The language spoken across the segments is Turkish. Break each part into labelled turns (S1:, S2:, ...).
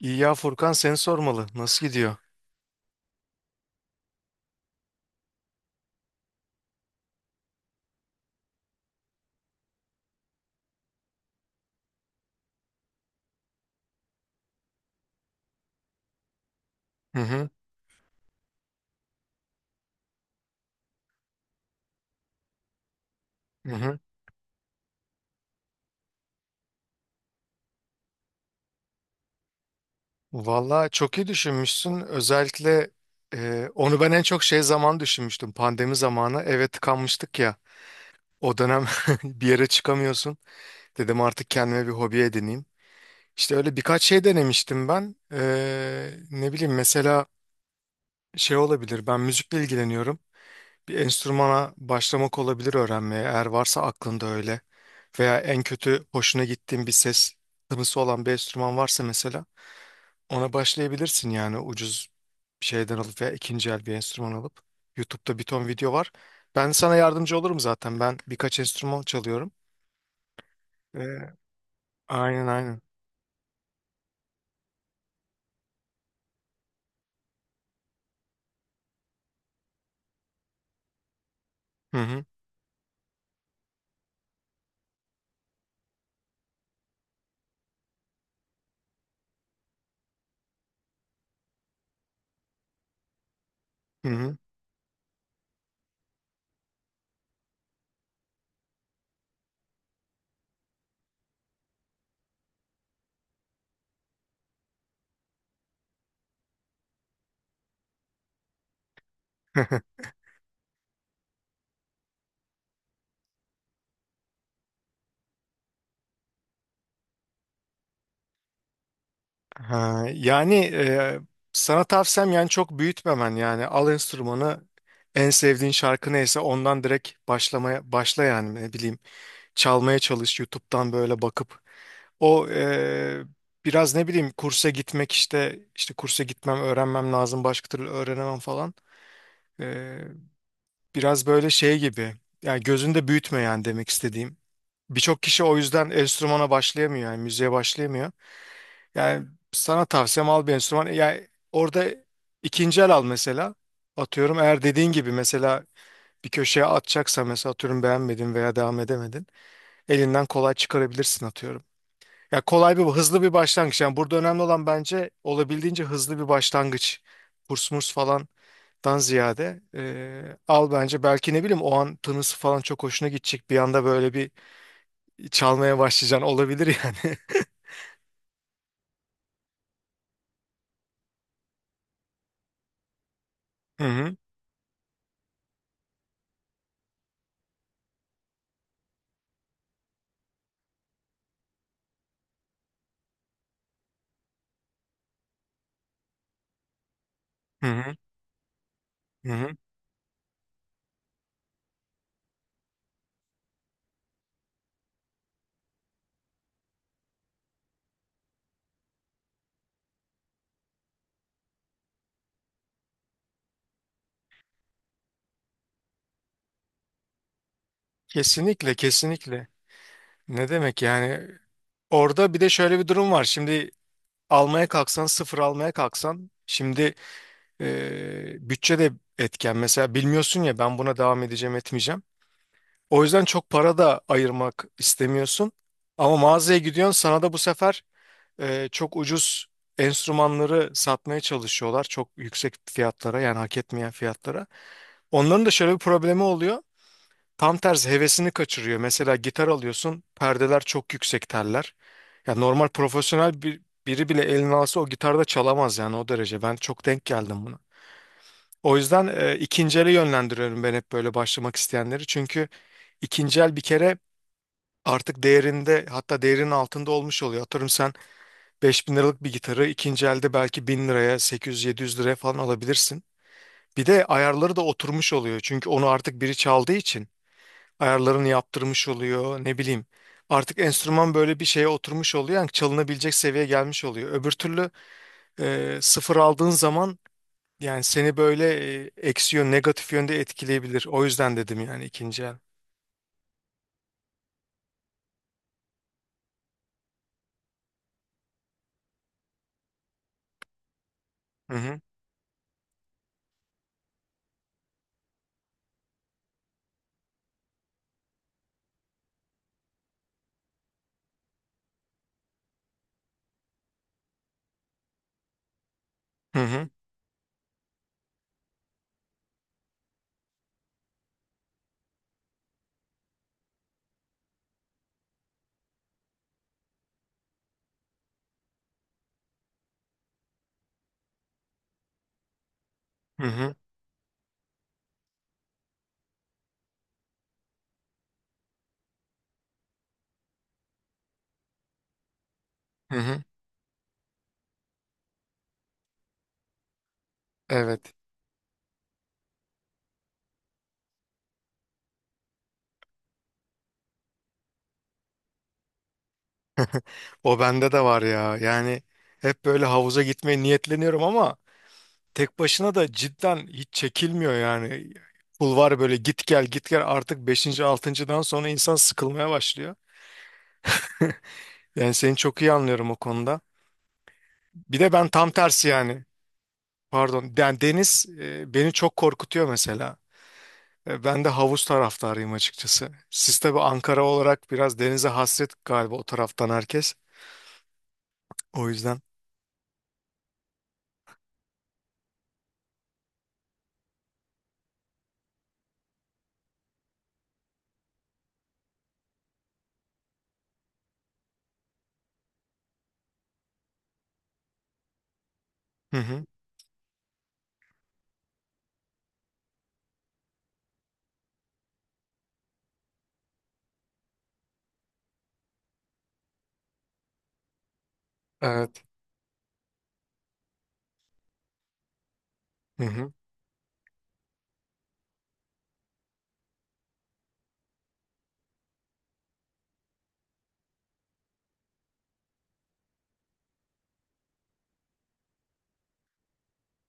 S1: İyi ya Furkan seni sormalı. Nasıl gidiyor? Hı hı, hı hı. Valla çok iyi düşünmüşsün. Özellikle onu ben en çok şey zaman düşünmüştüm. Pandemi zamanı eve tıkanmıştık ya. O dönem bir yere çıkamıyorsun. Dedim artık kendime bir hobi edineyim. İşte öyle birkaç şey denemiştim ben. Ne bileyim mesela şey olabilir. Ben müzikle ilgileniyorum. Bir enstrümana başlamak olabilir öğrenmeye. Eğer varsa aklında öyle. Veya en kötü hoşuna gittiğin bir ses tınısı olan bir enstrüman varsa mesela ona başlayabilirsin yani ucuz bir şeyden alıp veya ikinci el bir enstrüman alıp. YouTube'da bir ton video var. Ben sana yardımcı olurum zaten. Ben birkaç enstrüman çalıyorum. Ee, aynen aynen. Hı hı. Hı hı. Ha, yani sana tavsiyem yani çok büyütmemen yani al enstrümanı en sevdiğin şarkı neyse ondan direkt başlamaya başla yani ne bileyim çalmaya çalış YouTube'dan böyle bakıp o biraz ne bileyim kursa gitmek işte kursa gitmem öğrenmem lazım başka türlü öğrenemem falan. Eee, Biraz böyle şey gibi yani gözünde büyütme yani demek istediğim. Birçok kişi o yüzden enstrümana başlayamıyor yani müziğe başlayamıyor. Yani sana tavsiyem al bir enstrüman. Yani orada ikinci el al mesela. Atıyorum eğer dediğin gibi mesela bir köşeye atacaksa mesela atıyorum beğenmedin veya devam edemedin. Elinden kolay çıkarabilirsin atıyorum. Ya kolay bir hızlı bir başlangıç. Yani burada önemli olan bence olabildiğince hızlı bir başlangıç. Kurs murs falandan ziyade al bence belki ne bileyim o an tınısı falan çok hoşuna gidecek. Bir anda böyle bir çalmaya başlayacaksın olabilir yani. Hı hı, hı hı, hı hı. Kesinlikle kesinlikle. Ne demek yani orada bir de şöyle bir durum var. Şimdi almaya kalksan sıfır almaya kalksan şimdi bütçe de etken. Mesela bilmiyorsun ya ben buna devam edeceğim etmeyeceğim. O yüzden çok para da ayırmak istemiyorsun. Ama mağazaya gidiyorsun sana da bu sefer çok ucuz enstrümanları satmaya çalışıyorlar. Çok yüksek fiyatlara yani hak etmeyen fiyatlara. Onların da şöyle bir problemi oluyor. Tam tersi hevesini kaçırıyor. Mesela gitar alıyorsun perdeler çok yüksek teller. Ya normal profesyonel biri bile elini alsa o gitarda çalamaz yani o derece. Ben çok denk geldim buna. O yüzden ikinci ele yönlendiriyorum ben hep böyle başlamak isteyenleri. Çünkü ikinci el bir kere artık değerinde hatta değerinin altında olmuş oluyor. Atıyorum sen 5.000 liralık bir gitarı ikinci elde belki 1.000 liraya 800-700 liraya falan alabilirsin. Bir de ayarları da oturmuş oluyor. Çünkü onu artık biri çaldığı için ayarlarını yaptırmış oluyor ne bileyim. Artık enstrüman böyle bir şeye oturmuş oluyor. Yani çalınabilecek seviyeye gelmiş oluyor. Öbür türlü sıfır aldığın zaman yani seni böyle eksi yön negatif yönde etkileyebilir. O yüzden dedim yani ikinci el. Hı hı. Hı hı. Hı hı. Hı hı. Evet. O bende de var ya. Yani hep böyle havuza gitmeye niyetleniyorum ama tek başına da cidden hiç çekilmiyor yani. Pul var böyle git gel git gel artık beşinci altıncıdan sonra insan sıkılmaya başlıyor. Yani seni çok iyi anlıyorum o konuda. Bir de ben tam tersi yani. Pardon. Yani deniz beni çok korkutuyor mesela. Ben de havuz taraftarıyım açıkçası. Siz tabii Ankara olarak biraz denize hasret galiba o taraftan herkes. O yüzden. Hı hı. Evet. Hı hı.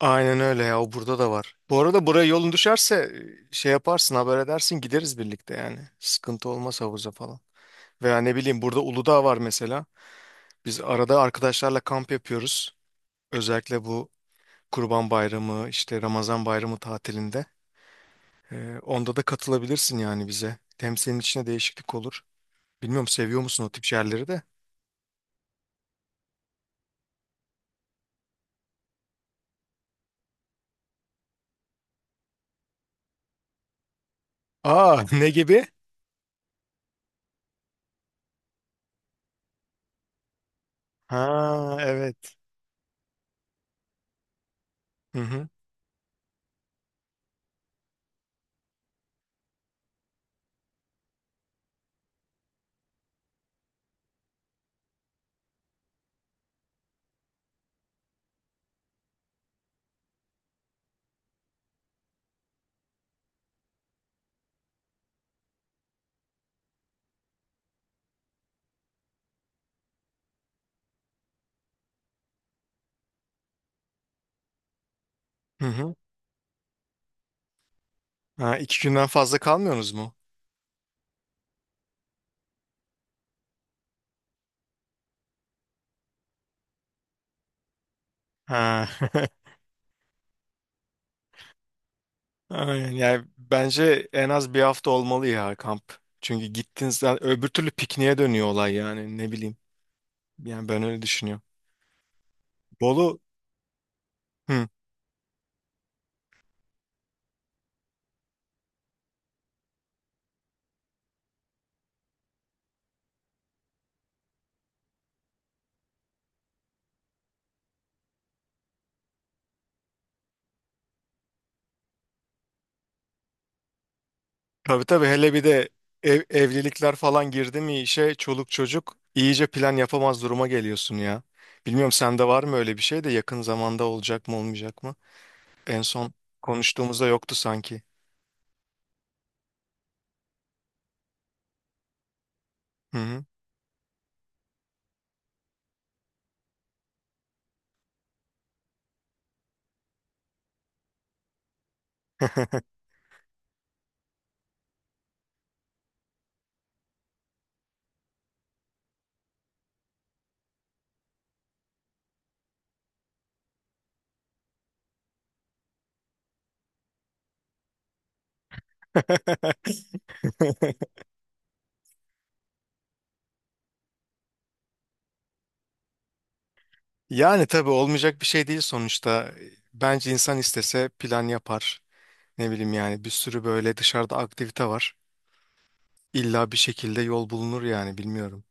S1: Aynen öyle ya. O burada da var. Bu arada buraya yolun düşerse şey yaparsın haber edersin gideriz birlikte yani. Sıkıntı olmaz havuza falan. Veya ne bileyim burada Uludağ var mesela. Biz arada arkadaşlarla kamp yapıyoruz. Özellikle bu Kurban Bayramı işte Ramazan Bayramı tatilinde. Onda da katılabilirsin yani bize. Hem senin içine değişiklik olur. Bilmiyorum seviyor musun o tip yerleri de? Aa ne gibi? Ha, evet. Hı hı. Hı hı. Ha, iki günden fazla kalmıyorsunuz mu? Ha. Aynen. Yani bence en az bir hafta olmalı ya kamp. Çünkü gittiğinizde öbür türlü pikniğe dönüyor olay yani ne bileyim. Yani ben öyle düşünüyorum. Bolu. Hı. Tabii tabii hele bir de evlilikler falan girdi mi işe çoluk çocuk iyice plan yapamaz duruma geliyorsun ya. Bilmiyorum sende var mı öyle bir şey de yakın zamanda olacak mı olmayacak mı? En son konuştuğumuzda yoktu sanki. Hı hı. Yani tabii olmayacak bir şey değil sonuçta. Bence insan istese plan yapar. Ne bileyim yani bir sürü böyle dışarıda aktivite var. İlla bir şekilde yol bulunur yani bilmiyorum.